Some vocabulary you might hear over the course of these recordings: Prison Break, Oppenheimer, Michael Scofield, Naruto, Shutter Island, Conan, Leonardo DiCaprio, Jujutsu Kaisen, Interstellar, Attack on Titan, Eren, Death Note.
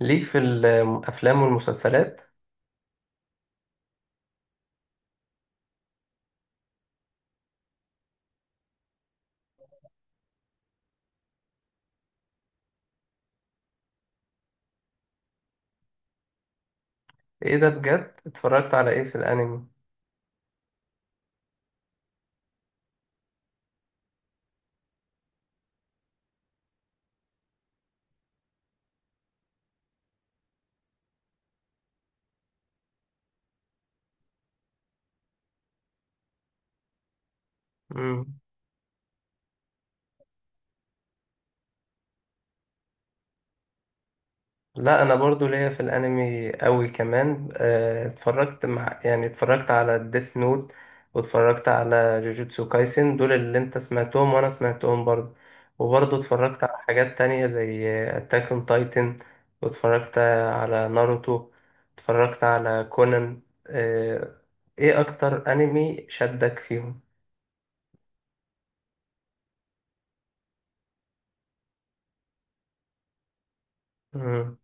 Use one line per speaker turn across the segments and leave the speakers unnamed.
ليك في الافلام والمسلسلات؟ ايه ده؟ بجد اتفرجت على ايه في الانمي؟ مم. لا انا برضو ليا في الانمي قوي كمان، اتفرجت مع يعني اتفرجت على ديث نوت، واتفرجت على جوجوتسو كايسن، دول اللي انت سمعتهم وانا سمعتهم برضو. وبرضو اتفرجت على حاجات تانية زي اتاك اون تايتن، واتفرجت على ناروتو، اتفرجت على كونان. ايه اكتر انمي شدك فيهم؟ مم.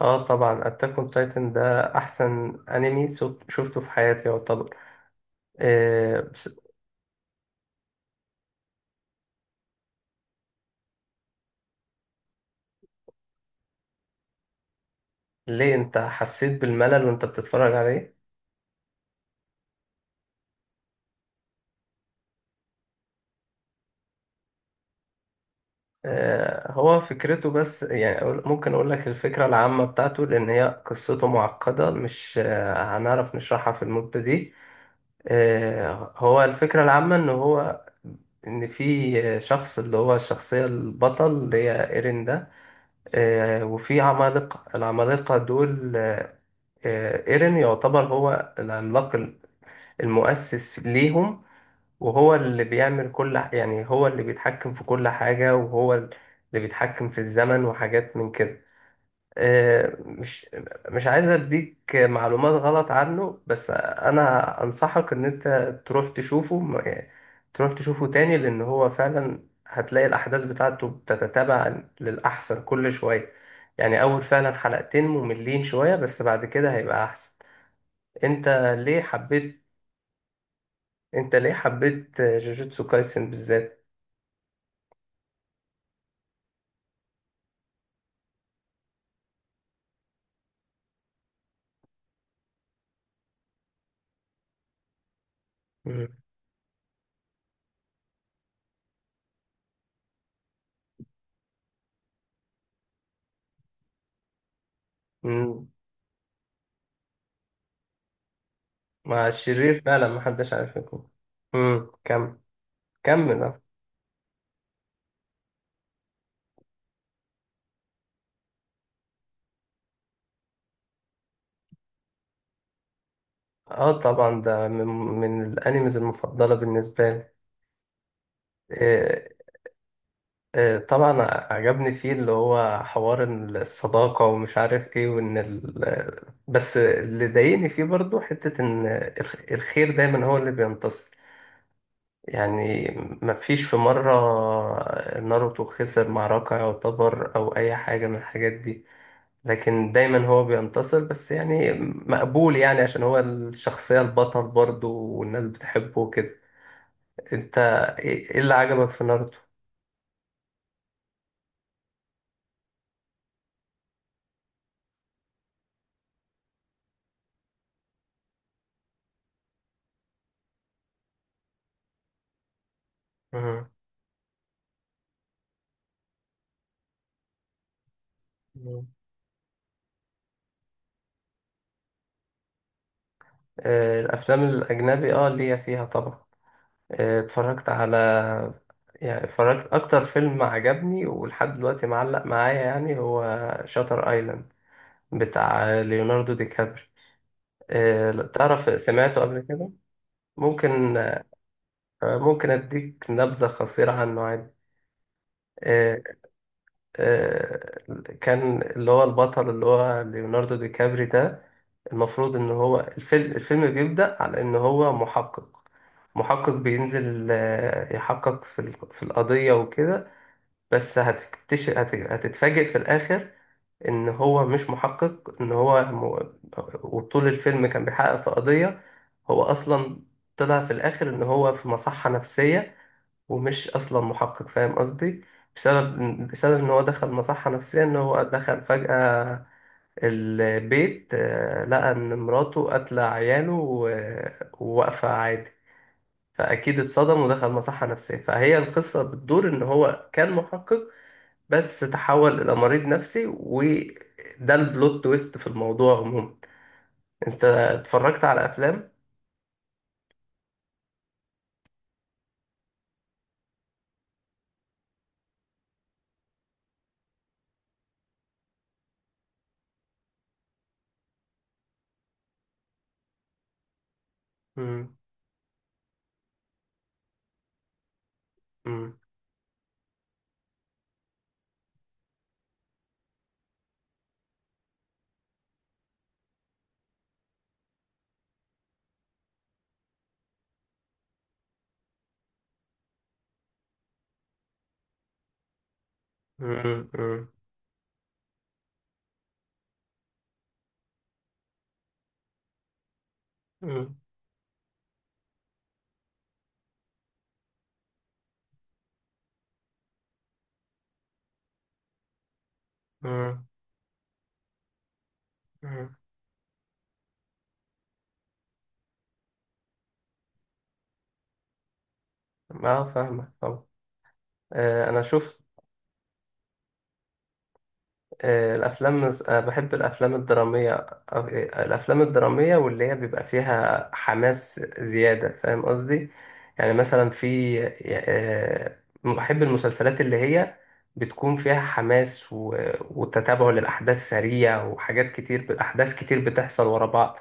اه، طبعا اتاك اون تايتن ده احسن انمي شفته في حياتي يعتبر. بس ليه انت حسيت بالملل وانت بتتفرج عليه؟ هو فكرته، بس يعني ممكن اقول لك الفكرة العامة بتاعته، لان هي قصته معقدة، مش هنعرف نشرحها في المدة دي. هو الفكرة العامة ان في شخص اللي هو الشخصيه البطل اللي هي ايرين ده، وفي عمالقه، العمالقه دول، ايرين يعتبر هو العملاق المؤسس ليهم. وهو اللي بيعمل يعني هو اللي بيتحكم في كل حاجة، وهو اللي بيتحكم في الزمن وحاجات من كده. آه، مش مش عايز اديك معلومات غلط عنه، بس انا انصحك ان انت تروح تشوفه م- تروح تشوفه تاني، لان هو فعلا هتلاقي الاحداث بتاعته بتتتابع للاحسن كل شوية. يعني اول فعلا حلقتين مملين شوية، بس بعد كده هيبقى احسن. انت ليه حبيت انت ليه حبيت جوجوتسو كايسن بالذات؟ مم. مم. مع الشرير فعلا ما حدش عارف يكون. مم. كمل. كمل اه. آه، طبعا ده من الانيمز المفضله بالنسبه لي. إيه، إيه طبعا. عجبني فيه اللي هو حوار إن الصداقه ومش عارف ايه. بس اللي ضايقني فيه برضو حته ان الخير دايما هو اللي بينتصر. يعني مفيش في مرة ناروتو خسر معركة يعتبر، أو أي حاجة من الحاجات دي، لكن دايما هو بينتصر، بس يعني مقبول يعني عشان هو الشخصية البطل برضه والناس بتحبه وكده. انت، إيه اللي عجبك في ناروتو؟ مم. مم. آه، الأفلام الأجنبي اه ليا فيها طبعا. اتفرجت على يعني اتفرجت، أكتر فيلم عجبني ولحد دلوقتي معلق معايا يعني هو شاتر ايلاند، بتاع ليوناردو دي كابري. لو تعرف سمعته قبل كده؟ ممكن ممكن اديك نبذة قصيرة عنه عادي. آه، آه، كان اللي هو البطل اللي هو ليوناردو دي كابري ده، المفروض ان هو الفيلم بيبدأ على ان هو محقق، محقق بينزل يحقق في القضية وكده، بس هتكتشف هتتفاجئ في الآخر إن هو مش محقق، وطول الفيلم كان بيحقق في قضية. هو أصلا طلع في الآخر إن هو في مصحة نفسية، ومش أصلا محقق، فاهم قصدي؟ بسبب إن هو دخل مصحة نفسية، إن هو دخل فجأة البيت، لقى إن مراته قاتلة عياله وواقفة عادي، فأكيد اتصدم ودخل مصحة نفسية. فهي القصة بتدور إن هو كان محقق، بس تحول إلى مريض نفسي، وده البلوت تويست في الموضوع عموما. أنت اتفرجت على أفلام؟ مم. مم. مم. مم. مم. مم. مم. ما فاهمك طبعا. أنا شفت، الأفلام، بحب الأفلام الدرامية. آه، الأفلام الدرامية واللي هي بيبقى فيها حماس زيادة، فاهم قصدي؟ يعني مثلا في، آه، بحب المسلسلات اللي هي بتكون فيها حماس وتتابع للأحداث سريع، وحاجات كتير، أحداث كتير بتحصل ورا بعض.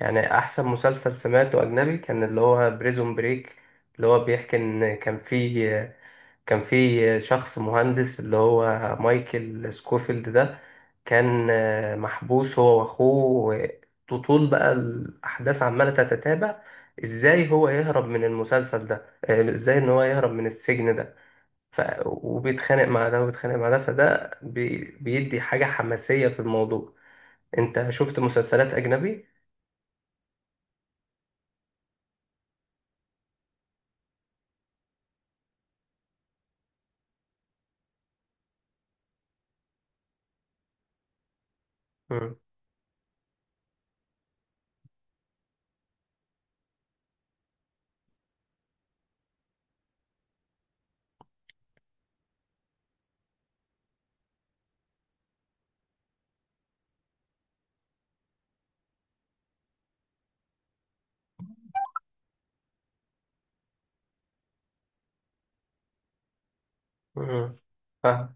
يعني أحسن مسلسل سمعته أجنبي كان اللي هو بريزون بريك. اللي هو بيحكي إن كان في شخص مهندس اللي هو مايكل سكوفيلد ده، كان محبوس هو واخوه. طول بقى الاحداث عماله تتتابع ازاي هو يهرب من المسلسل ده، ازاي ان هو يهرب من السجن ده، وبيتخانق مع ده وبيتخانق مع ده، فده بيدي حاجه حماسيه في الموضوع. انت شفت مسلسلات اجنبي؟ مم. مم.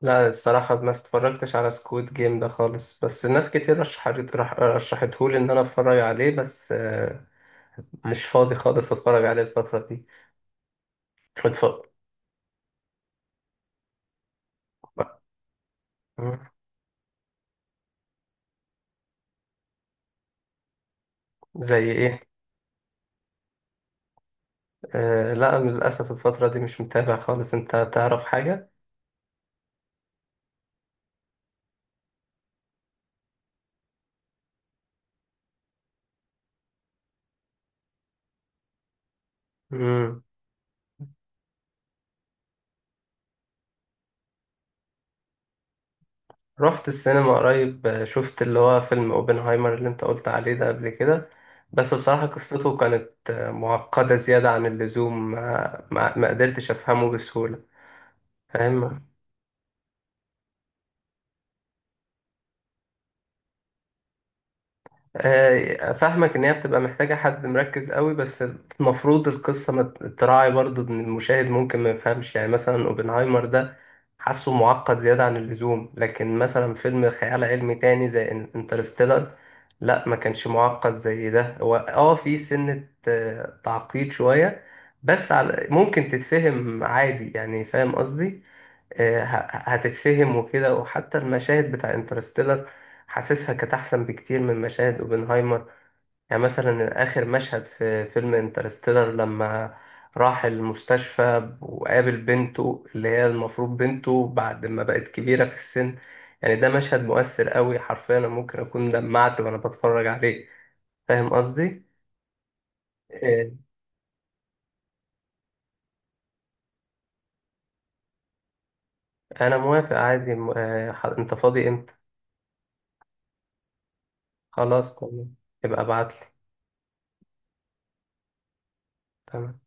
لا الصراحة ما اتفرجتش على سكويد جيم ده خالص، بس ناس كتير رشحتهولي إن أنا أتفرج عليه، بس مش فاضي خالص أتفرج عليه الفترة دي. اتف- مم. زي إيه؟ لا للأسف الفترة دي مش متابع خالص، أنت تعرف حاجة؟ مم. رحت السينما قريب، شفت اللي هو فيلم أوبنهايمر اللي أنت قلت عليه ده قبل كده، بس بصراحة قصته كانت معقدة زيادة عن اللزوم، ما قدرتش أفهمه بسهولة. فاهم. فاهمك ان هي بتبقى محتاجة حد مركز قوي، بس المفروض القصة ما تراعي برضو ان المشاهد ممكن ما يفهمش. يعني مثلا اوبنهايمر ده حاسه معقد زيادة عن اللزوم، لكن مثلا فيلم خيال علمي تاني زي انترستيلر، لا ما كانش معقد زي ده. هو في سنة تعقيد شوية، بس على ممكن تتفهم عادي، يعني فاهم قصدي؟ هتتفهم وكده، وحتى المشاهد بتاع انترستيلر حاسسها كانت احسن بكتير من مشاهد اوبنهايمر. يعني مثلا اخر مشهد في فيلم انترستيلر لما راح المستشفى وقابل بنته اللي هي المفروض بنته بعد ما بقت كبيرة في السن، يعني ده مشهد مؤثر قوي، حرفيا انا ممكن اكون دمعت وانا بتفرج عليه، فاهم قصدي؟ آه، انا موافق عادي، انت فاضي امتى؟ خلاص تمام. يبقى ابعتلي. تمام.